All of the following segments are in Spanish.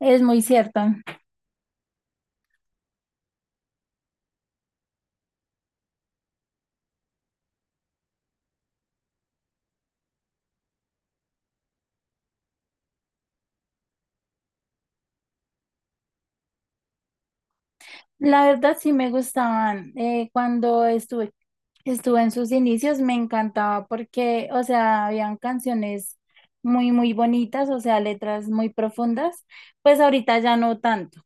Es muy cierto. La verdad sí me gustaban. Cuando estuve en sus inicios me encantaba porque, o sea, habían canciones muy, muy bonitas, o sea, letras muy profundas. Pues ahorita ya no tanto,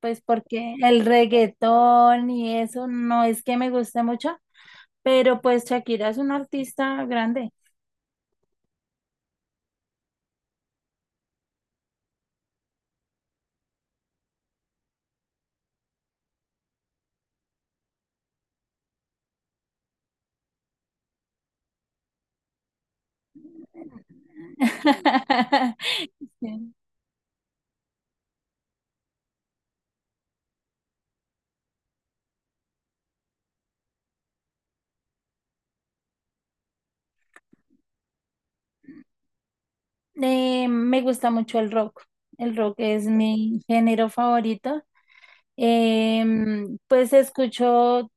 pues porque el reggaetón y eso no es que me guste mucho, pero pues Shakira es una artista grande. Sí. Me gusta mucho el rock. El rock es mi género favorito. Pues escucho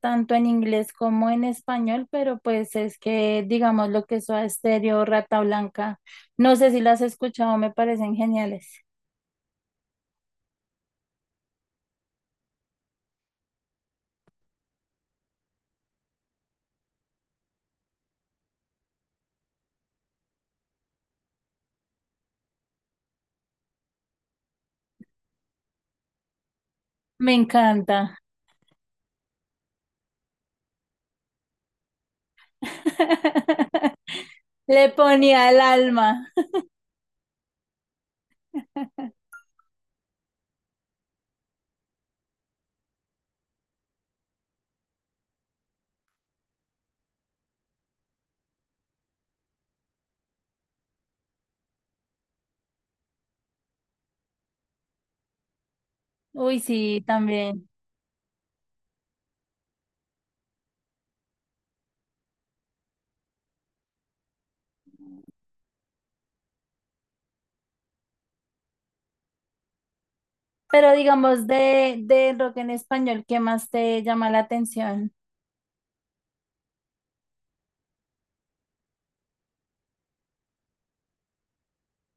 tanto en inglés como en español, pero pues es que digamos lo que es Soda Stereo, Rata Blanca, no sé si las has escuchado, me parecen geniales. Me encanta. Le ponía el alma. Uy, sí, también. Pero digamos de rock en español, ¿qué más te llama la atención?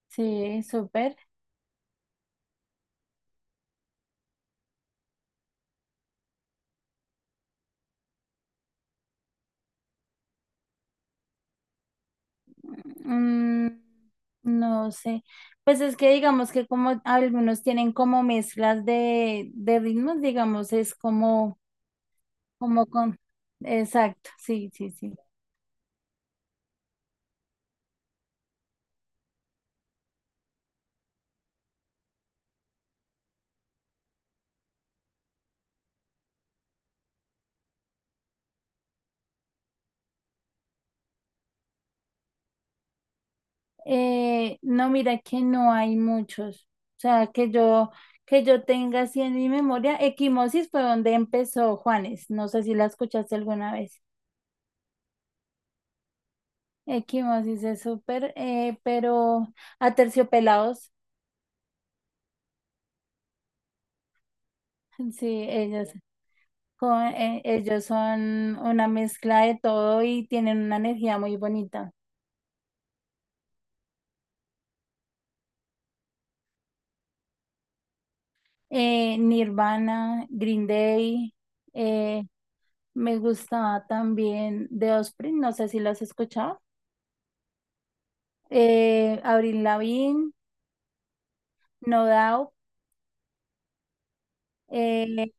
Sí, súper. Mm, no sé. Pues es que digamos que como algunos tienen como mezclas de ritmos, digamos, es como, como con... Exacto, sí, sí, sí. No, mira que no hay muchos. O sea, que yo tenga así en mi memoria, Equimosis fue donde empezó Juanes. No sé si la escuchaste alguna vez. Equimosis es súper, pero Aterciopelados, sí, ellos. Con, ellos son una mezcla de todo y tienen una energía muy bonita. Nirvana, Green Day, eh, me gustaba también The Osprey, no sé si lo has escuchado. Avril Lavigne, No Doubt. Eh,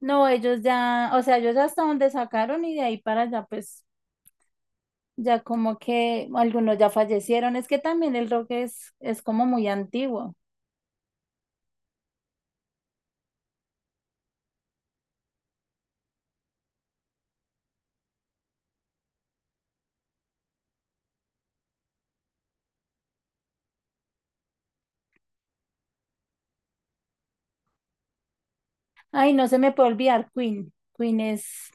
no, ellos ya, o sea, ellos hasta donde sacaron y de ahí para allá, pues ya como que algunos ya fallecieron. Es que también el rock es como muy antiguo. Ay, no se me puede olvidar Queen. Queen es.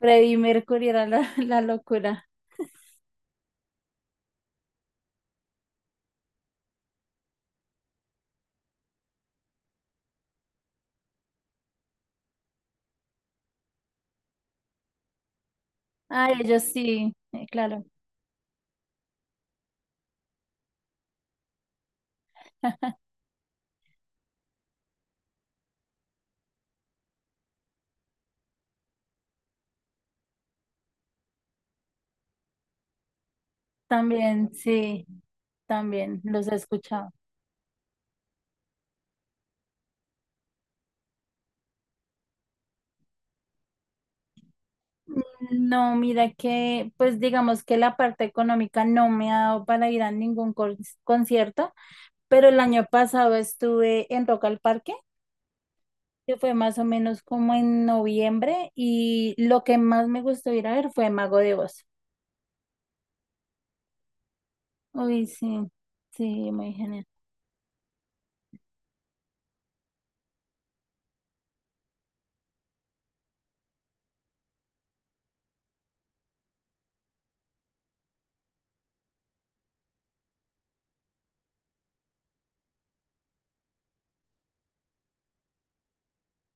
Freddie Mercury era la, la locura. Ay, ellos sí, claro. También, sí, también los he escuchado. No, mira que, pues digamos que la parte económica no me ha dado para ir a ningún concierto, pero el año pasado estuve en Rock al Parque, que fue más o menos como en noviembre, y lo que más me gustó ir a ver fue Mago de Oz. Uy, sí, sí, muy genial.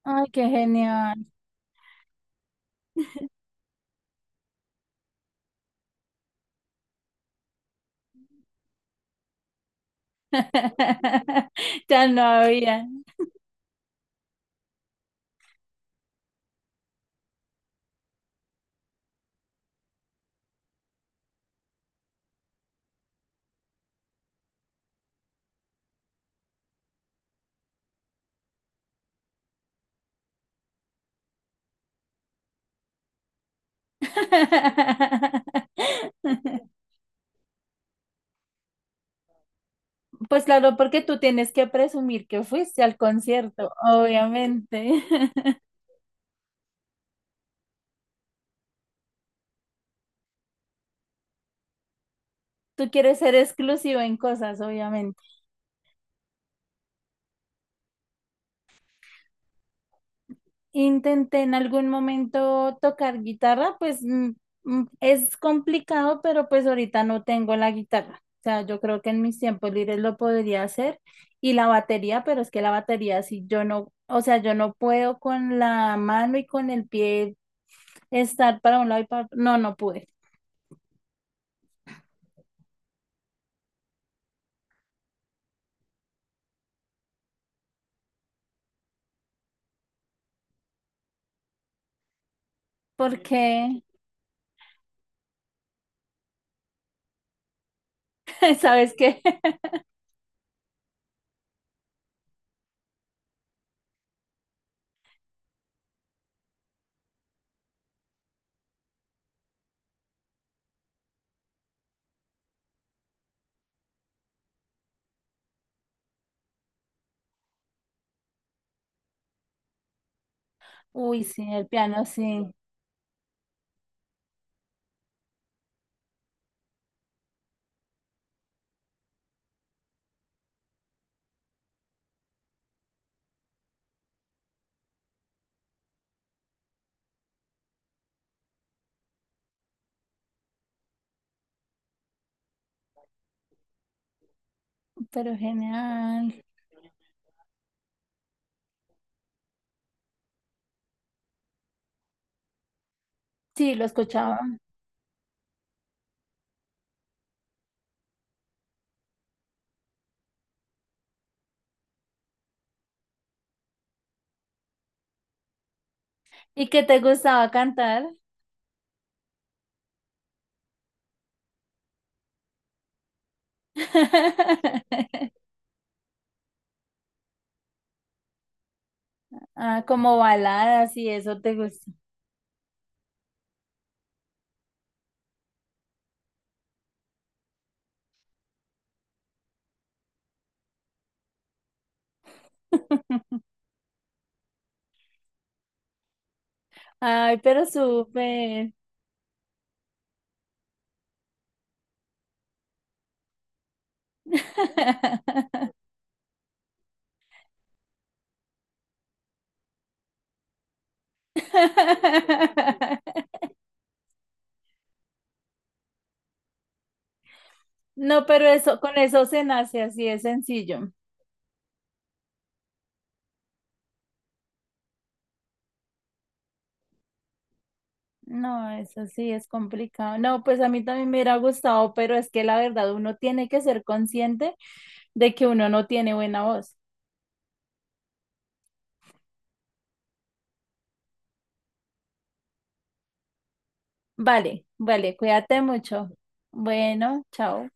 Ay, qué genial. Ya no había. Pues claro, porque tú tienes que presumir que fuiste al concierto, obviamente. Tú quieres ser exclusivo en cosas, obviamente. Intenté en algún momento tocar guitarra, pues es complicado, pero pues ahorita no tengo la guitarra. O sea, yo creo que en mis tiempos libres lo podría hacer y la batería, pero es que la batería si yo no, o sea, yo no puedo con la mano y con el pie estar para un lado y para otro. No, no pude. Porque, ¿sabes qué? Uy, sí, el piano sí, pero genial. Sí, lo escuchaba. ¿Y qué te gustaba cantar? Ah, como baladas y eso te gusta. Ay, pero súper. No, pero eso, con eso se nace así, es sencillo. No, eso sí es complicado. No, pues a mí también me hubiera gustado, pero es que la verdad uno tiene que ser consciente de que uno no tiene buena voz. Vale, vale, cuídate mucho. Bueno, chao.